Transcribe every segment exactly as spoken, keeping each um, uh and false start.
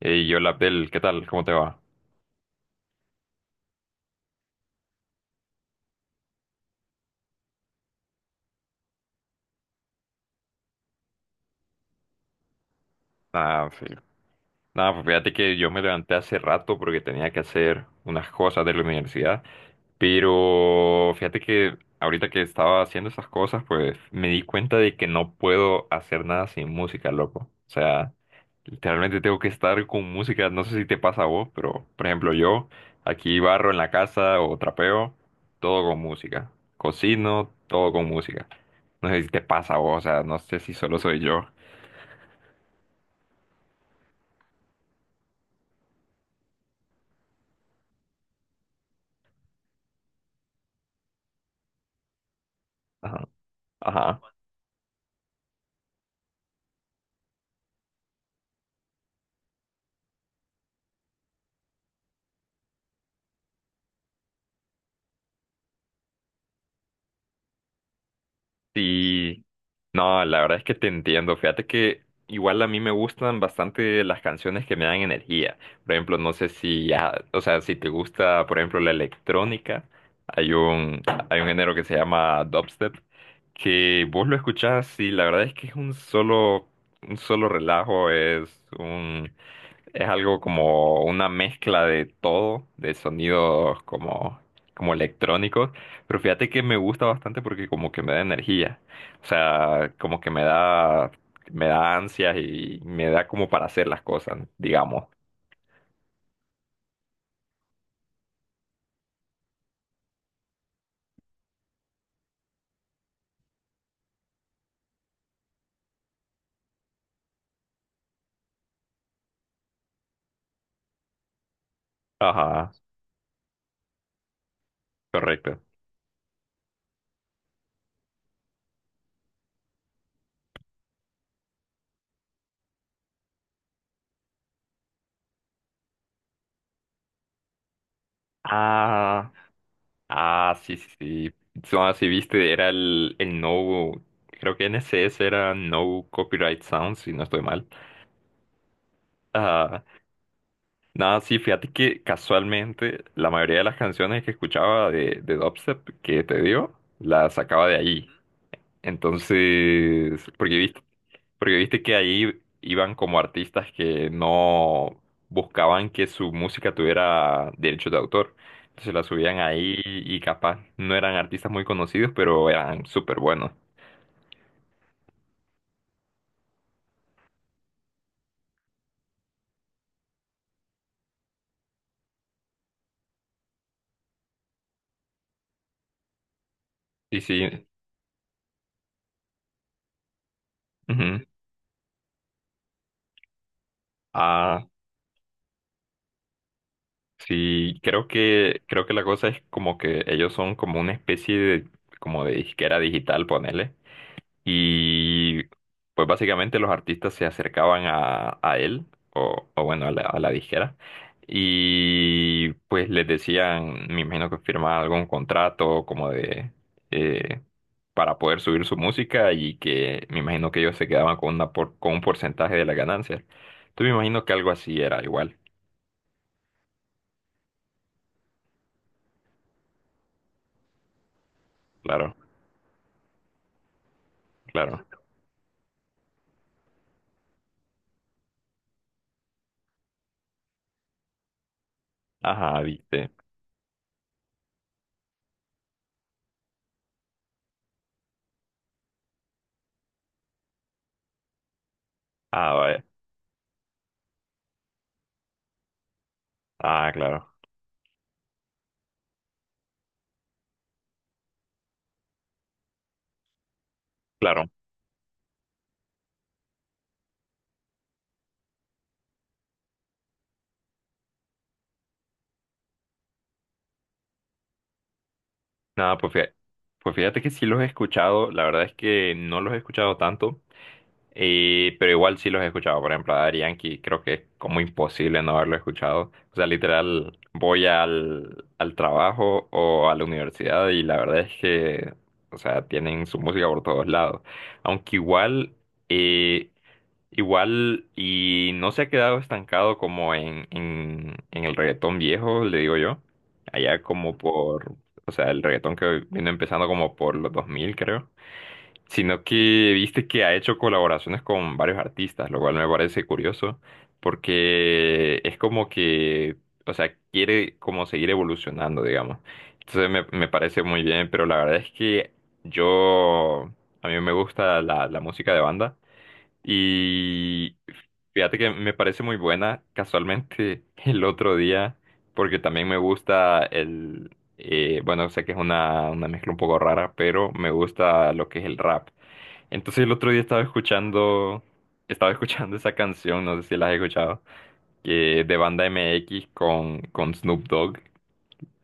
Hey, hola Abdel, ¿qué tal? ¿Cómo te va? Nada, fi- Nada, pues fíjate que yo me levanté hace rato porque tenía que hacer unas cosas de la universidad, pero fíjate que ahorita que estaba haciendo esas cosas, pues me di cuenta de que no puedo hacer nada sin música, loco. O sea, literalmente tengo que estar con música, no sé si te pasa a vos, pero por ejemplo yo aquí barro en la casa o trapeo, todo con música. Cocino, todo con música. No sé si te pasa a vos, o sea, no sé si solo soy yo. Ajá, ajá. Y no, la verdad es que te entiendo. Fíjate que igual a mí me gustan bastante las canciones que me dan energía. Por ejemplo, no sé si, ah, o sea, si te gusta, por ejemplo, la electrónica, hay un, hay un género que se llama dubstep, que vos lo escuchás y la verdad es que es un solo, un solo relajo, es un. Es algo como una mezcla de todo, de sonidos como, como electrónicos, pero fíjate que me gusta bastante porque como que me da energía, o sea, como que me da, me da ansias y me da como para hacer las cosas, digamos. Ajá, correcto. Ah, ah, sí, sí, sí. No, sí, viste, era el, el no, creo que N C S era No Copyright Sounds, si no estoy mal. Nada, sí, fíjate que casualmente la mayoría de las canciones que escuchaba de, de dubstep que te dio, las sacaba de allí. Entonces, porque viste, porque viste que ahí iban como artistas que no buscaban que su música tuviera derechos de autor. Entonces la subían ahí y capaz no eran artistas muy conocidos, pero eran súper buenos. Sí, sí, ujú. Ah, sí, creo que, creo que la cosa es como que ellos son como una especie de, como de disquera digital, ponele. Y pues básicamente los artistas se acercaban a, a él, o, o bueno, a la, a la disquera. Y pues les decían, me imagino que firmaban algún contrato como de, eh, para poder subir su música y que me imagino que ellos se quedaban con una por- con un porcentaje de las ganancias. Entonces me imagino que algo así era igual, claro, claro. Ajá, viste. Ah, vaya. Ah, claro. Claro. Nada, pues fíjate, pues fíjate que sí los he escuchado. La verdad es que no los he escuchado tanto. Y, pero igual sí los he escuchado, por ejemplo, a Daddy Yankee, creo que es como imposible no haberlo escuchado. O sea, literal, voy al, al trabajo o a la universidad y la verdad es que, o sea, tienen su música por todos lados. Aunque igual, eh, igual, y no se ha quedado estancado como en, en, en el reggaetón viejo, le digo yo. Allá como por, o sea, el reggaetón que vino empezando como por los dos mil, creo, sino que viste que ha hecho colaboraciones con varios artistas, lo cual me parece curioso, porque es como que, o sea, quiere como seguir evolucionando, digamos. Entonces me, me parece muy bien, pero la verdad es que yo, a mí me gusta la, la música de banda y fíjate que me parece muy buena, casualmente el otro día, porque también me gusta el... eh, bueno, sé que es una, una mezcla un poco rara, pero me gusta lo que es el rap. Entonces el otro día estaba escuchando, estaba escuchando esa canción, no sé si la has escuchado, que de Banda M X con, con Snoop Dogg,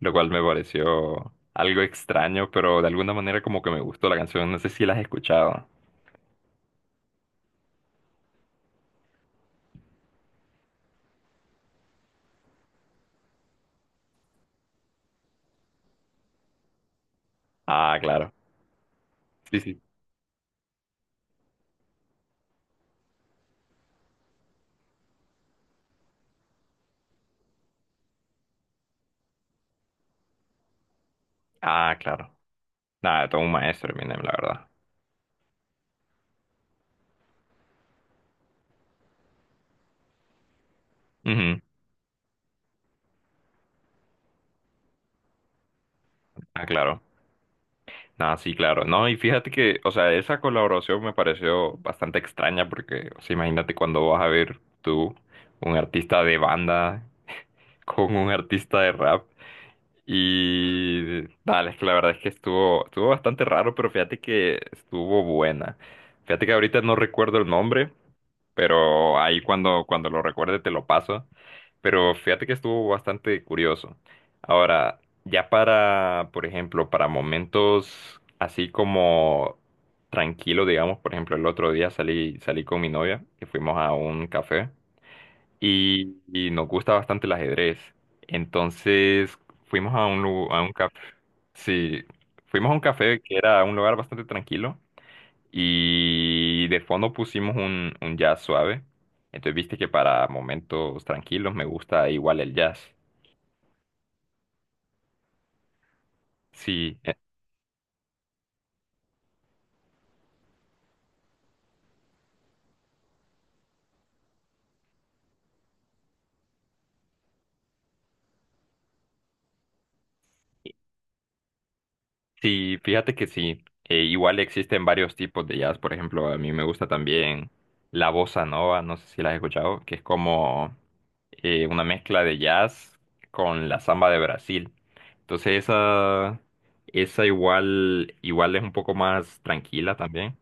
lo cual me pareció algo extraño, pero de alguna manera como que me gustó la canción, no sé si la has escuchado. Ah, claro. Sí, sí. Ah, claro. Nada, todo un maestro, Eminem, la verdad. Ujú. Ah, claro. Nada, sí, claro. No, y fíjate que, o sea, esa colaboración me pareció bastante extraña porque, o sea, imagínate cuando vas a ver tú un artista de banda con un artista de rap. Y dale, es que la verdad es que estuvo, estuvo bastante raro, pero fíjate que estuvo buena. Fíjate que ahorita no recuerdo el nombre, pero ahí cuando, cuando lo recuerde te lo paso. Pero fíjate que estuvo bastante curioso. Ahora, ya para, por ejemplo, para momentos así como tranquilo, digamos, por ejemplo, el otro día salí, salí con mi novia y fuimos a un café y, y nos gusta bastante el ajedrez. Entonces fuimos a un, lu- a un café, sí, fuimos a un café que era un lugar bastante tranquilo y de fondo pusimos un, un jazz suave. Entonces viste que para momentos tranquilos me gusta igual el jazz. Sí, eh, sí, fíjate que sí. Eh, igual existen varios tipos de jazz. Por ejemplo, a mí me gusta también la bossa nova, no sé si la has escuchado, que es como eh, una mezcla de jazz con la samba de Brasil. Entonces esa, esa igual, igual es un poco más tranquila también,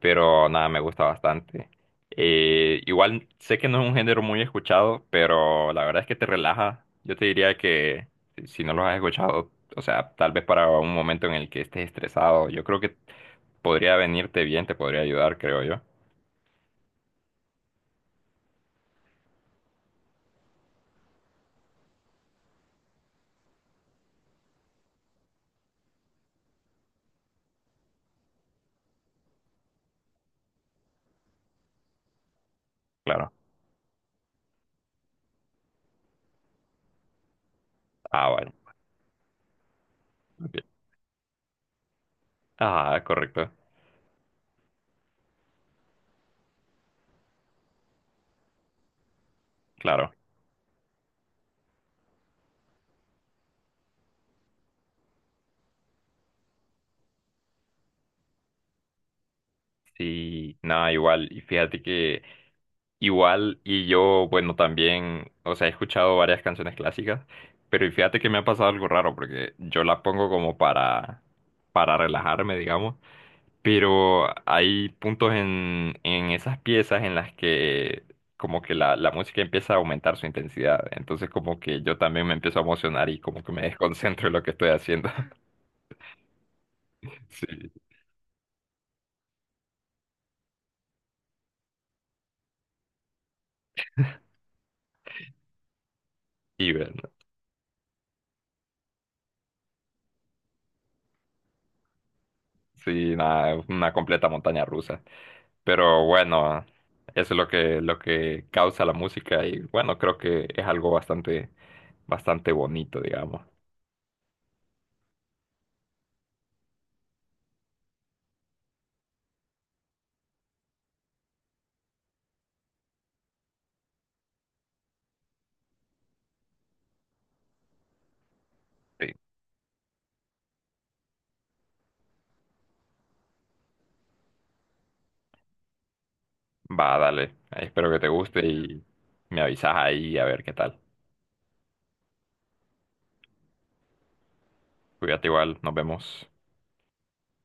pero nada, me gusta bastante. Eh, igual sé que no es un género muy escuchado, pero la verdad es que te relaja. Yo te diría que si si no lo has escuchado, o sea, tal vez para un momento en el que estés estresado, yo creo que podría venirte bien, te podría ayudar, creo yo. Claro. Ah, vale. Ok. Ah, correcto. Claro. Sí, nada, igual. Y fíjate que igual, y yo, bueno, también, o sea, he escuchado varias canciones clásicas, pero y fíjate que me ha pasado algo raro, porque yo la pongo como para, para relajarme, digamos, pero hay puntos en, en esas piezas en las que como que la, la música empieza a aumentar su intensidad, entonces como que yo también me empiezo a emocionar y como que me desconcentro en lo que estoy haciendo. Sí, y bueno, sí, nada, una completa montaña rusa. Pero bueno, eso es lo que, lo que causa la música y bueno, creo que es algo bastante, bastante bonito, digamos. Sí. Va, dale. Espero que te guste y me avisas ahí a ver qué tal. Cuídate igual, nos vemos.